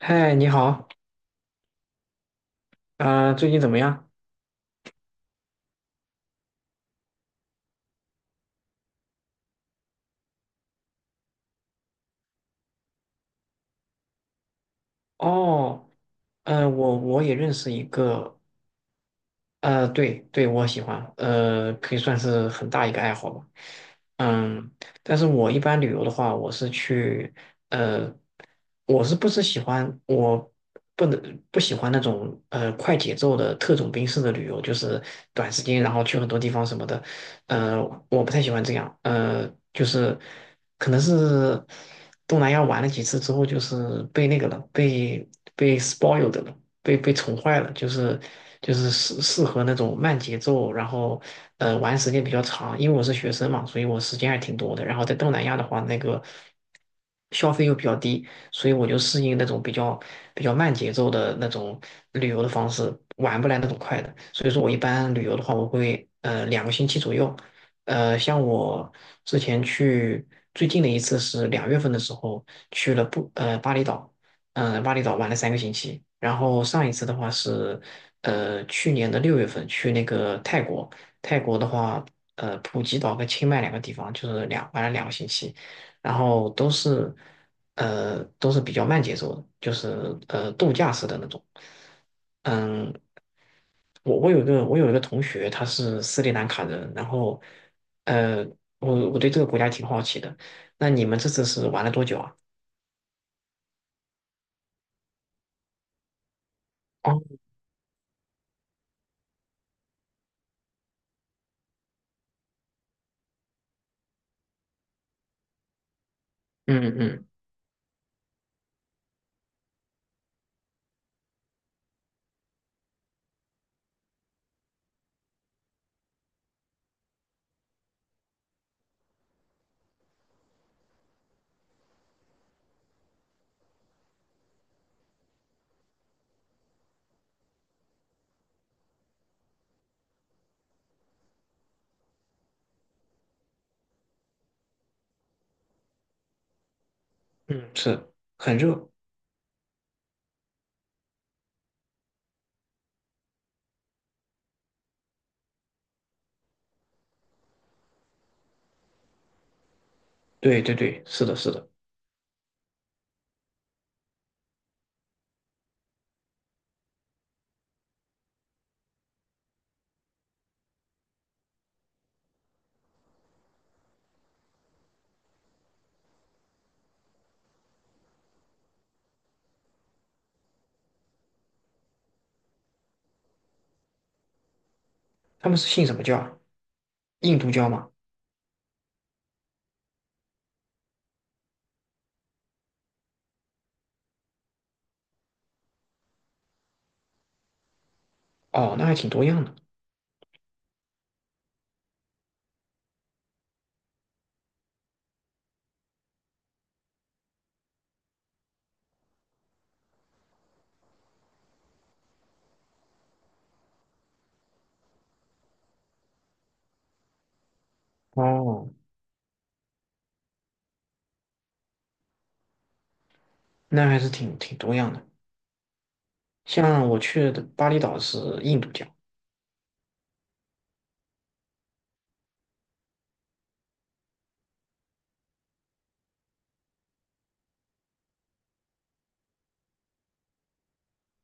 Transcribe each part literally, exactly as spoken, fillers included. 嗨，你好，呃，最近怎么样？哦。嗯，我我也认识一个，呃，对对，我喜欢，呃，可以算是很大一个爱好吧。嗯。但是我一般旅游的话，我是去，呃，我是不是喜欢，我不能不喜欢那种呃快节奏的特种兵式的旅游，就是短时间然后去很多地方什么的，呃，我不太喜欢这样，呃，就是可能是东南亚玩了几次之后，就是被那个了，被被 spoiled 了。被被宠坏了，就是就是适适合那种慢节奏，然后呃玩时间比较长。因为我是学生嘛，所以我时间还挺多的。然后在东南亚的话，那个消费又比较低，所以我就适应那种比较比较慢节奏的那种旅游的方式，玩不来那种快的。所以说我一般旅游的话，我会呃两个星期左右。呃，像我之前去最近的一次是两月份的时候去了不呃巴厘岛，嗯、呃巴厘岛玩了三个星期。然后上一次的话是，呃，去年的六月份去那个泰国，泰国的话，呃，普吉岛跟清迈两个地方，就是两玩了两个星期，然后都是，呃，都是比较慢节奏的，就是呃度假式的那种。嗯，我我有一个我有一个同学，他是斯里兰卡人，然后，呃，我我对这个国家挺好奇的。那你们这次是玩了多久啊？哦。嗯嗯嗯，是很热。对对对，是的，是的。他们是信什么教啊，印度教吗？哦，那还挺多样的。哦，那还是挺挺多样的。像我去的巴厘岛是印度教。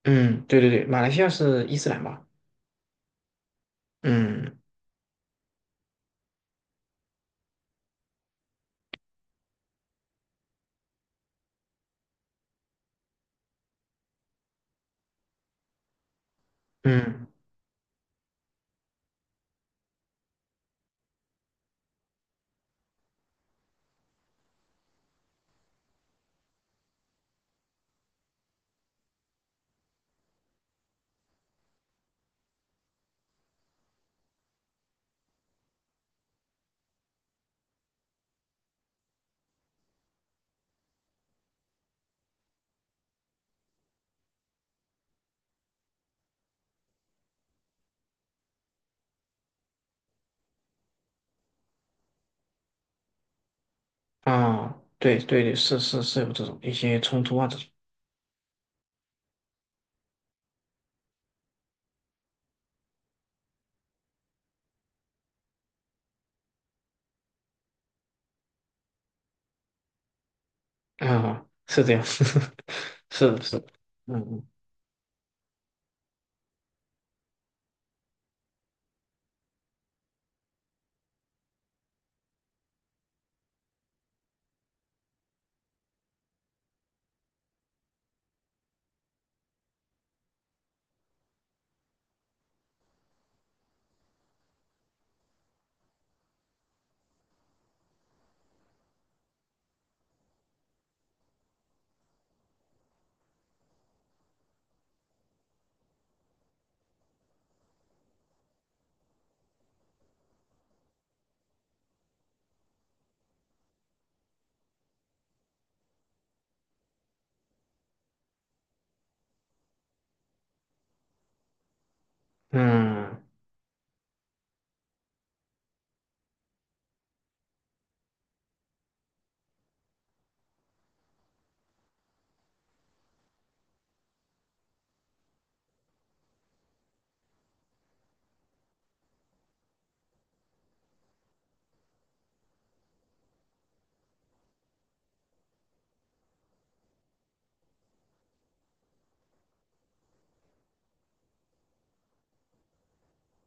嗯，对对对，马来西亚是伊斯兰吧？嗯嗯，啊，对对对，是是是有这种一些冲突啊这种。啊，是这样，是的，是的。嗯嗯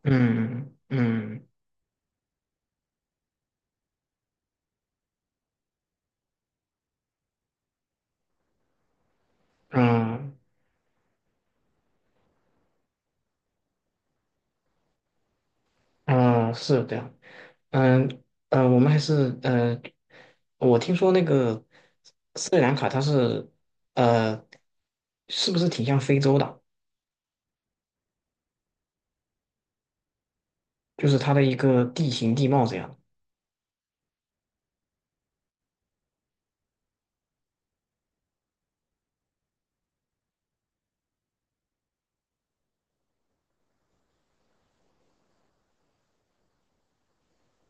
嗯嗯嗯嗯嗯，啊，是有这样。嗯。嗯，我们还是呃，我听说那个斯里兰卡它是呃，是不是挺像非洲的？就是它的一个地形地貌这样。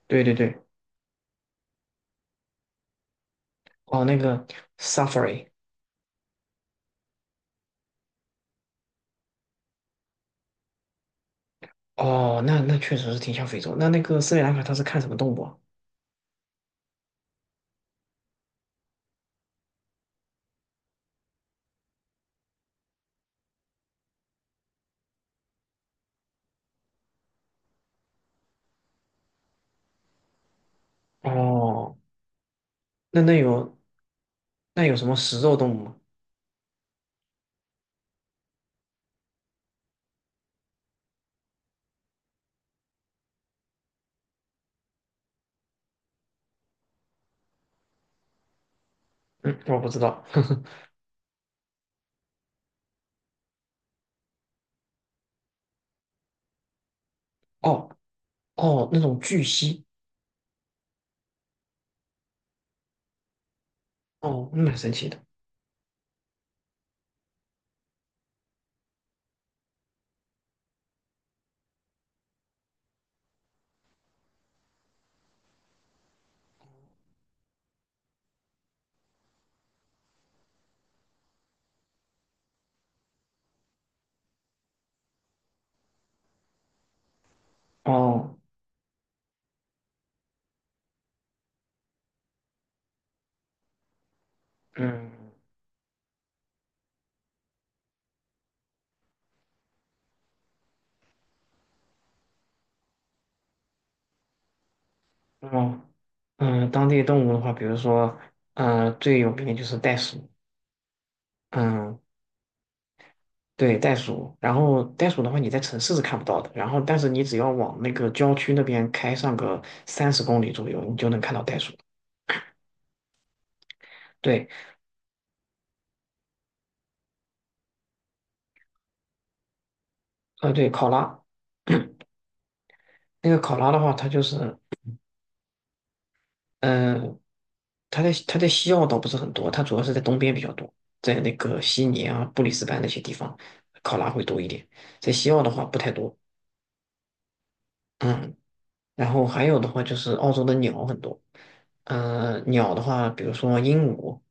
对对对。哦，那个 safari。哦，那那确实是挺像非洲。那那个斯里兰卡它是看什么动物啊？哦，那那有那有什么食肉动物吗？嗯，我不知道。哦。哦，那种巨蜥。哦，那蛮神奇的。哦。嗯。哦。嗯，当地动物的话，比如说，嗯、最有名的就是袋鼠。嗯，对，袋鼠。然后袋鼠的话，你在城市是看不到的，然后但是你只要往那个郊区那边开上个三十公里左右，你就能看到袋鼠。对。呃，对，考拉。那个考拉的话，它就是，嗯、它在它在西澳倒不是很多，它主要是在东边比较多，在那个悉尼啊、布里斯班那些地方，考拉会多一点，在西澳的话不太多。嗯。然后还有的话就是澳洲的鸟很多，呃，鸟的话，比如说鹦鹉，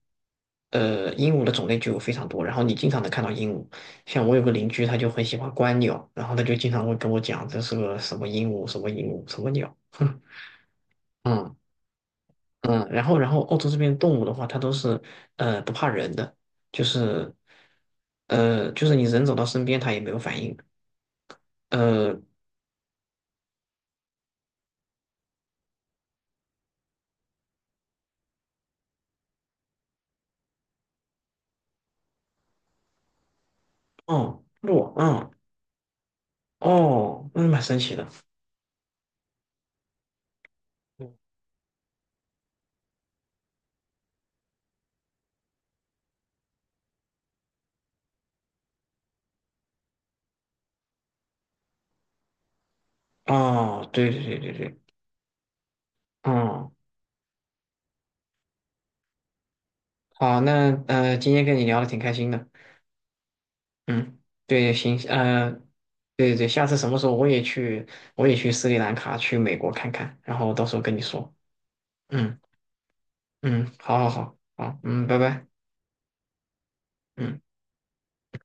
呃，鹦鹉的种类就非常多，然后你经常能看到鹦鹉。像我有个邻居，他就很喜欢观鸟，然后他就经常会跟我讲这是个什么鹦鹉，什么鹦鹉，什么鸟。嗯嗯，然后然后澳洲这边动物的话，它都是呃不怕人的，就是呃就是你人走到身边它也没有反应。呃，哦，鹿，嗯。哦，那蛮神奇的。哦，对对对对对。哦，好，那呃，今天跟你聊的挺开心的。嗯，对，行，呃，对对对，下次什么时候我也去，我也去斯里兰卡，去美国看看，然后到时候跟你说。嗯嗯，好好好，好，嗯，拜拜。嗯。